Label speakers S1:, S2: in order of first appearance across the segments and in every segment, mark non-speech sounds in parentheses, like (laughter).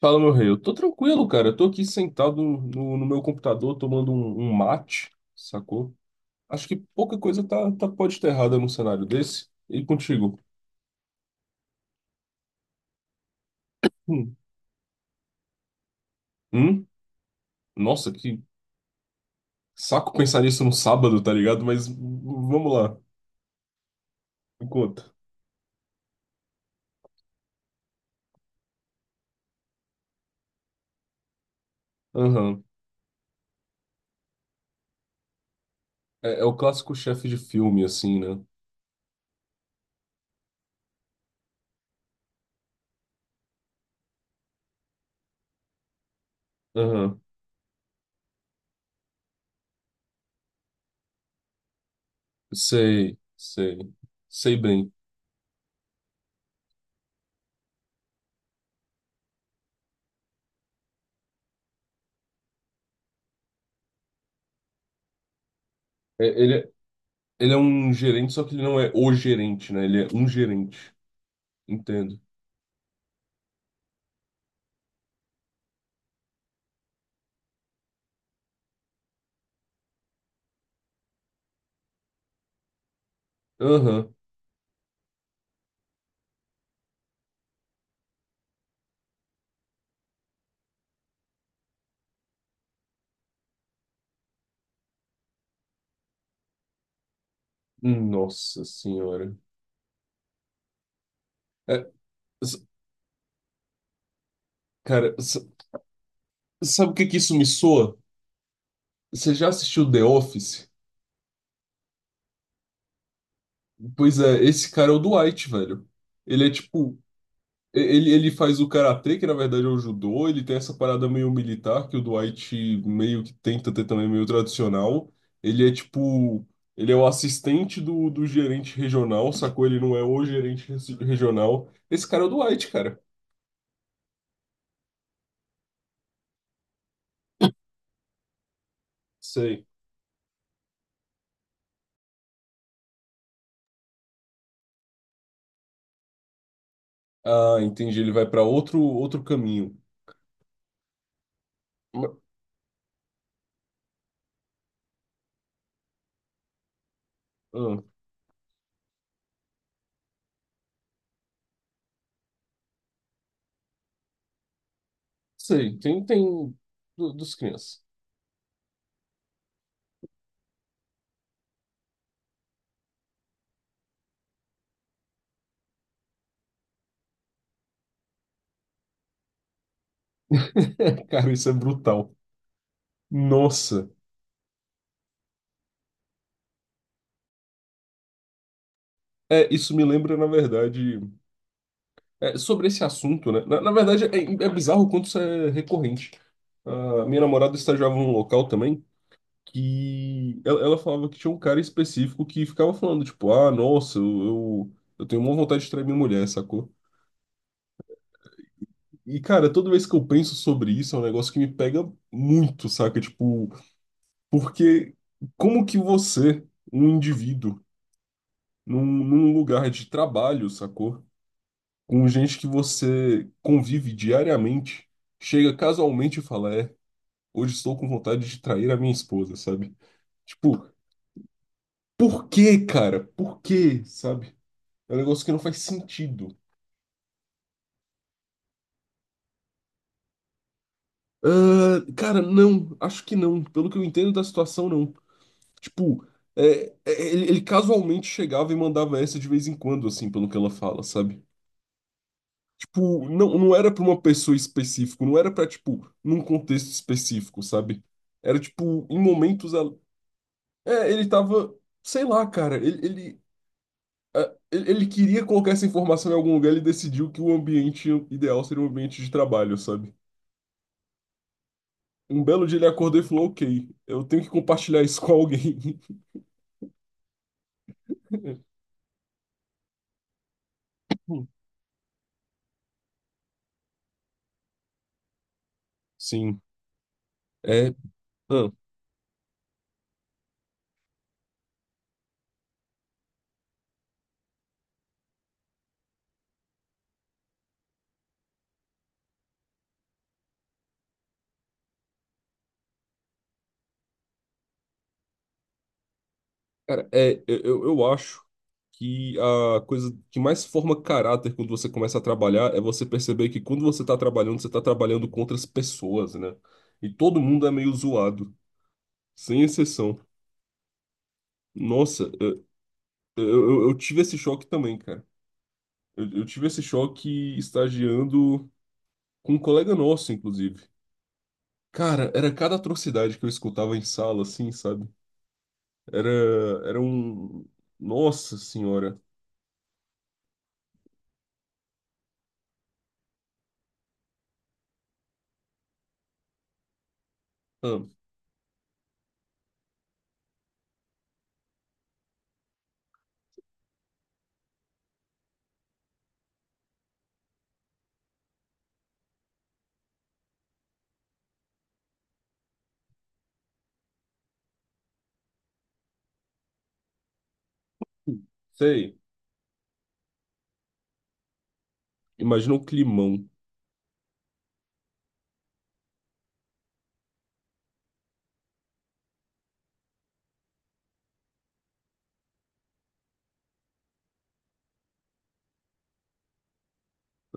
S1: Fala, meu rei. Eu tô tranquilo, cara. Eu tô aqui sentado no meu computador tomando um mate, sacou? Acho que pouca coisa tá, pode estar errada num cenário desse. E contigo? Hum. Hum? Nossa, que saco pensar nisso no sábado, tá ligado? Mas vamos lá, me conta. Aham. É, é o clássico chefe de filme, assim, né? Aham. Sei. Sei bem. É, ele, é- ele é um gerente, só que ele não é o gerente, né? Ele é um gerente. Entendo. Aham. Nossa senhora. É, s- cara, sabe o que que isso me soa? Você já assistiu The Office? Pois é, esse cara é o Dwight, velho. Ele é tipo. Ele faz o karatê, que na verdade é o judô, ele tem essa parada meio militar, que o Dwight meio que tenta ter também, meio tradicional. Ele é tipo. Ele é o assistente do gerente regional, sacou? Ele não é o gerente regional. Esse cara é o Dwight, cara. Sei. Ah, entendi. Ele vai pra outro outro caminho. Ah, sei, tem dos crianças. (laughs) Cara, isso é brutal. Nossa. É, isso me lembra, na verdade, é, sobre esse assunto, né? Na verdade, é, é bizarro o quanto isso é recorrente. Ah, minha namorada estagiava num local também que ela falava que tinha um cara específico que ficava falando, tipo, ah, nossa, eu tenho uma vontade de trair minha mulher, sacou? E, cara, toda vez que eu penso sobre isso, é um negócio que me pega muito, saca? Tipo, porque como que você, um indivíduo, num lugar de trabalho, sacou? Com gente que você convive diariamente, chega casualmente e fala, é, hoje estou com vontade de trair a minha esposa, sabe? Tipo, por quê, cara? Por quê, sabe? É um negócio que não faz sentido. Ah, cara, não, acho que não. Pelo que eu entendo da situação, não. Tipo, ele casualmente chegava e mandava essa de vez em quando, assim, pelo que ela fala, sabe? Tipo, não, não era pra uma pessoa específica, não era pra, tipo, num contexto específico, sabe? Era, tipo, em momentos. É, ele tava. Sei lá, cara. Ele queria colocar essa informação em algum lugar, ele decidiu que o ambiente ideal seria um ambiente de trabalho, sabe? Um belo dia ele acordou e falou: Ok, eu tenho que compartilhar isso com alguém. (laughs) Hum. Sim. É. Ah. Cara, é, eu acho que a coisa que mais forma caráter quando você começa a trabalhar é você perceber que quando você tá trabalhando com outras pessoas, né? E todo mundo é meio zoado, sem exceção. Nossa, eu, eu, eu eu tive esse choque também, cara. Eu tive esse choque estagiando com um colega nosso, inclusive. Cara, era cada atrocidade que eu escutava em sala, assim, sabe? Era, era um. Nossa senhora. Ah, sei. Imagina o climão.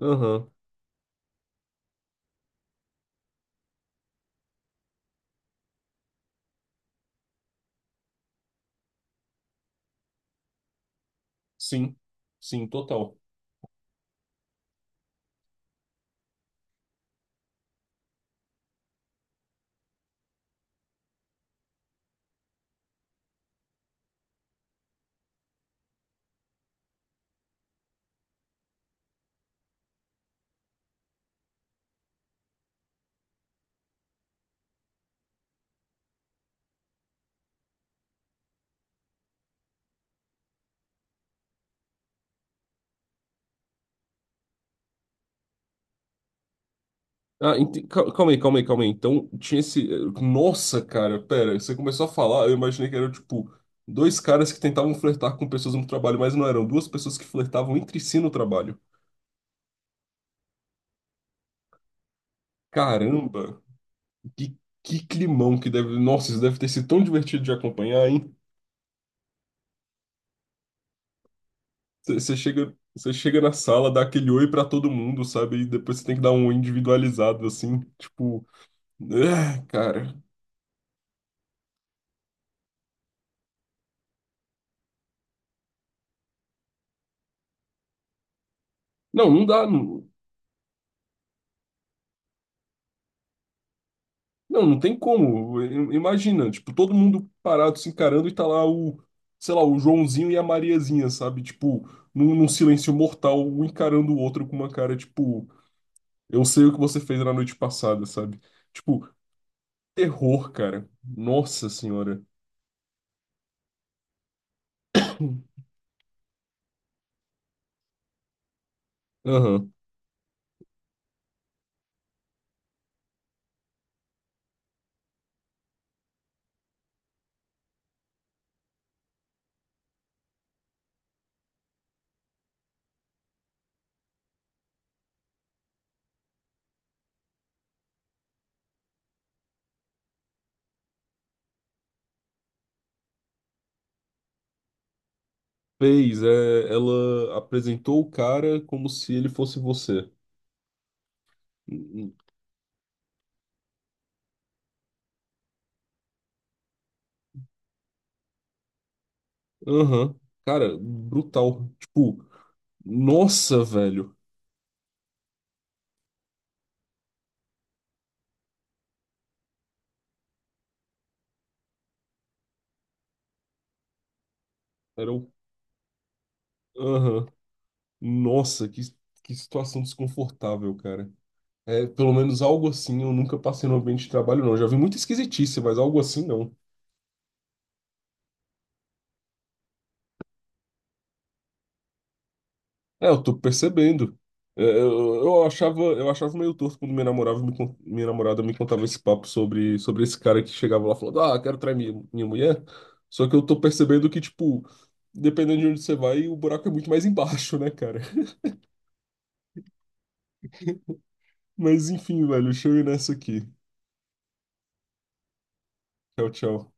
S1: Aham. Sim, sim, total. Ah, calma aí, calma aí, calma aí. Então, tinha esse. Nossa, cara, pera, você começou a falar, eu imaginei que eram, tipo, dois caras que tentavam flertar com pessoas no trabalho, mas não eram duas pessoas que flertavam entre si no trabalho. Caramba, que, que climão que deve. Nossa, isso deve ter sido tão divertido de acompanhar, hein? Você chega na sala, dá aquele oi pra todo mundo, sabe? E depois você tem que dar um oi individualizado, assim, tipo. É, cara. Não, não dá. Não, não tem como. Imagina, tipo, todo mundo parado se encarando e tá lá o, sei lá, o Joãozinho e a Mariazinha, sabe? Tipo, num silêncio mortal, um encarando o outro com uma cara, tipo, eu sei o que você fez na noite passada, sabe? Tipo, terror, cara. Nossa senhora. Aham. Fez, é, ela apresentou o cara como se ele fosse você. Aham. Cara, brutal. Tipo, nossa, velho. Era o. Aham. Nossa, que situação desconfortável, cara. É, pelo menos algo assim eu nunca passei no ambiente de trabalho, não. Já vi muita esquisitice, mas algo assim não. É, eu tô percebendo. É, eu achava meio torto quando minha namorada minha namorada me contava esse papo sobre, sobre esse cara que chegava lá falando, ah, quero trair minha, minha mulher. Só que eu tô percebendo que, tipo, dependendo de onde você vai, o buraco é muito mais (laughs) embaixo, né, cara? (laughs) Mas enfim, velho, deixa eu ir nessa aqui. Tchau, tchau.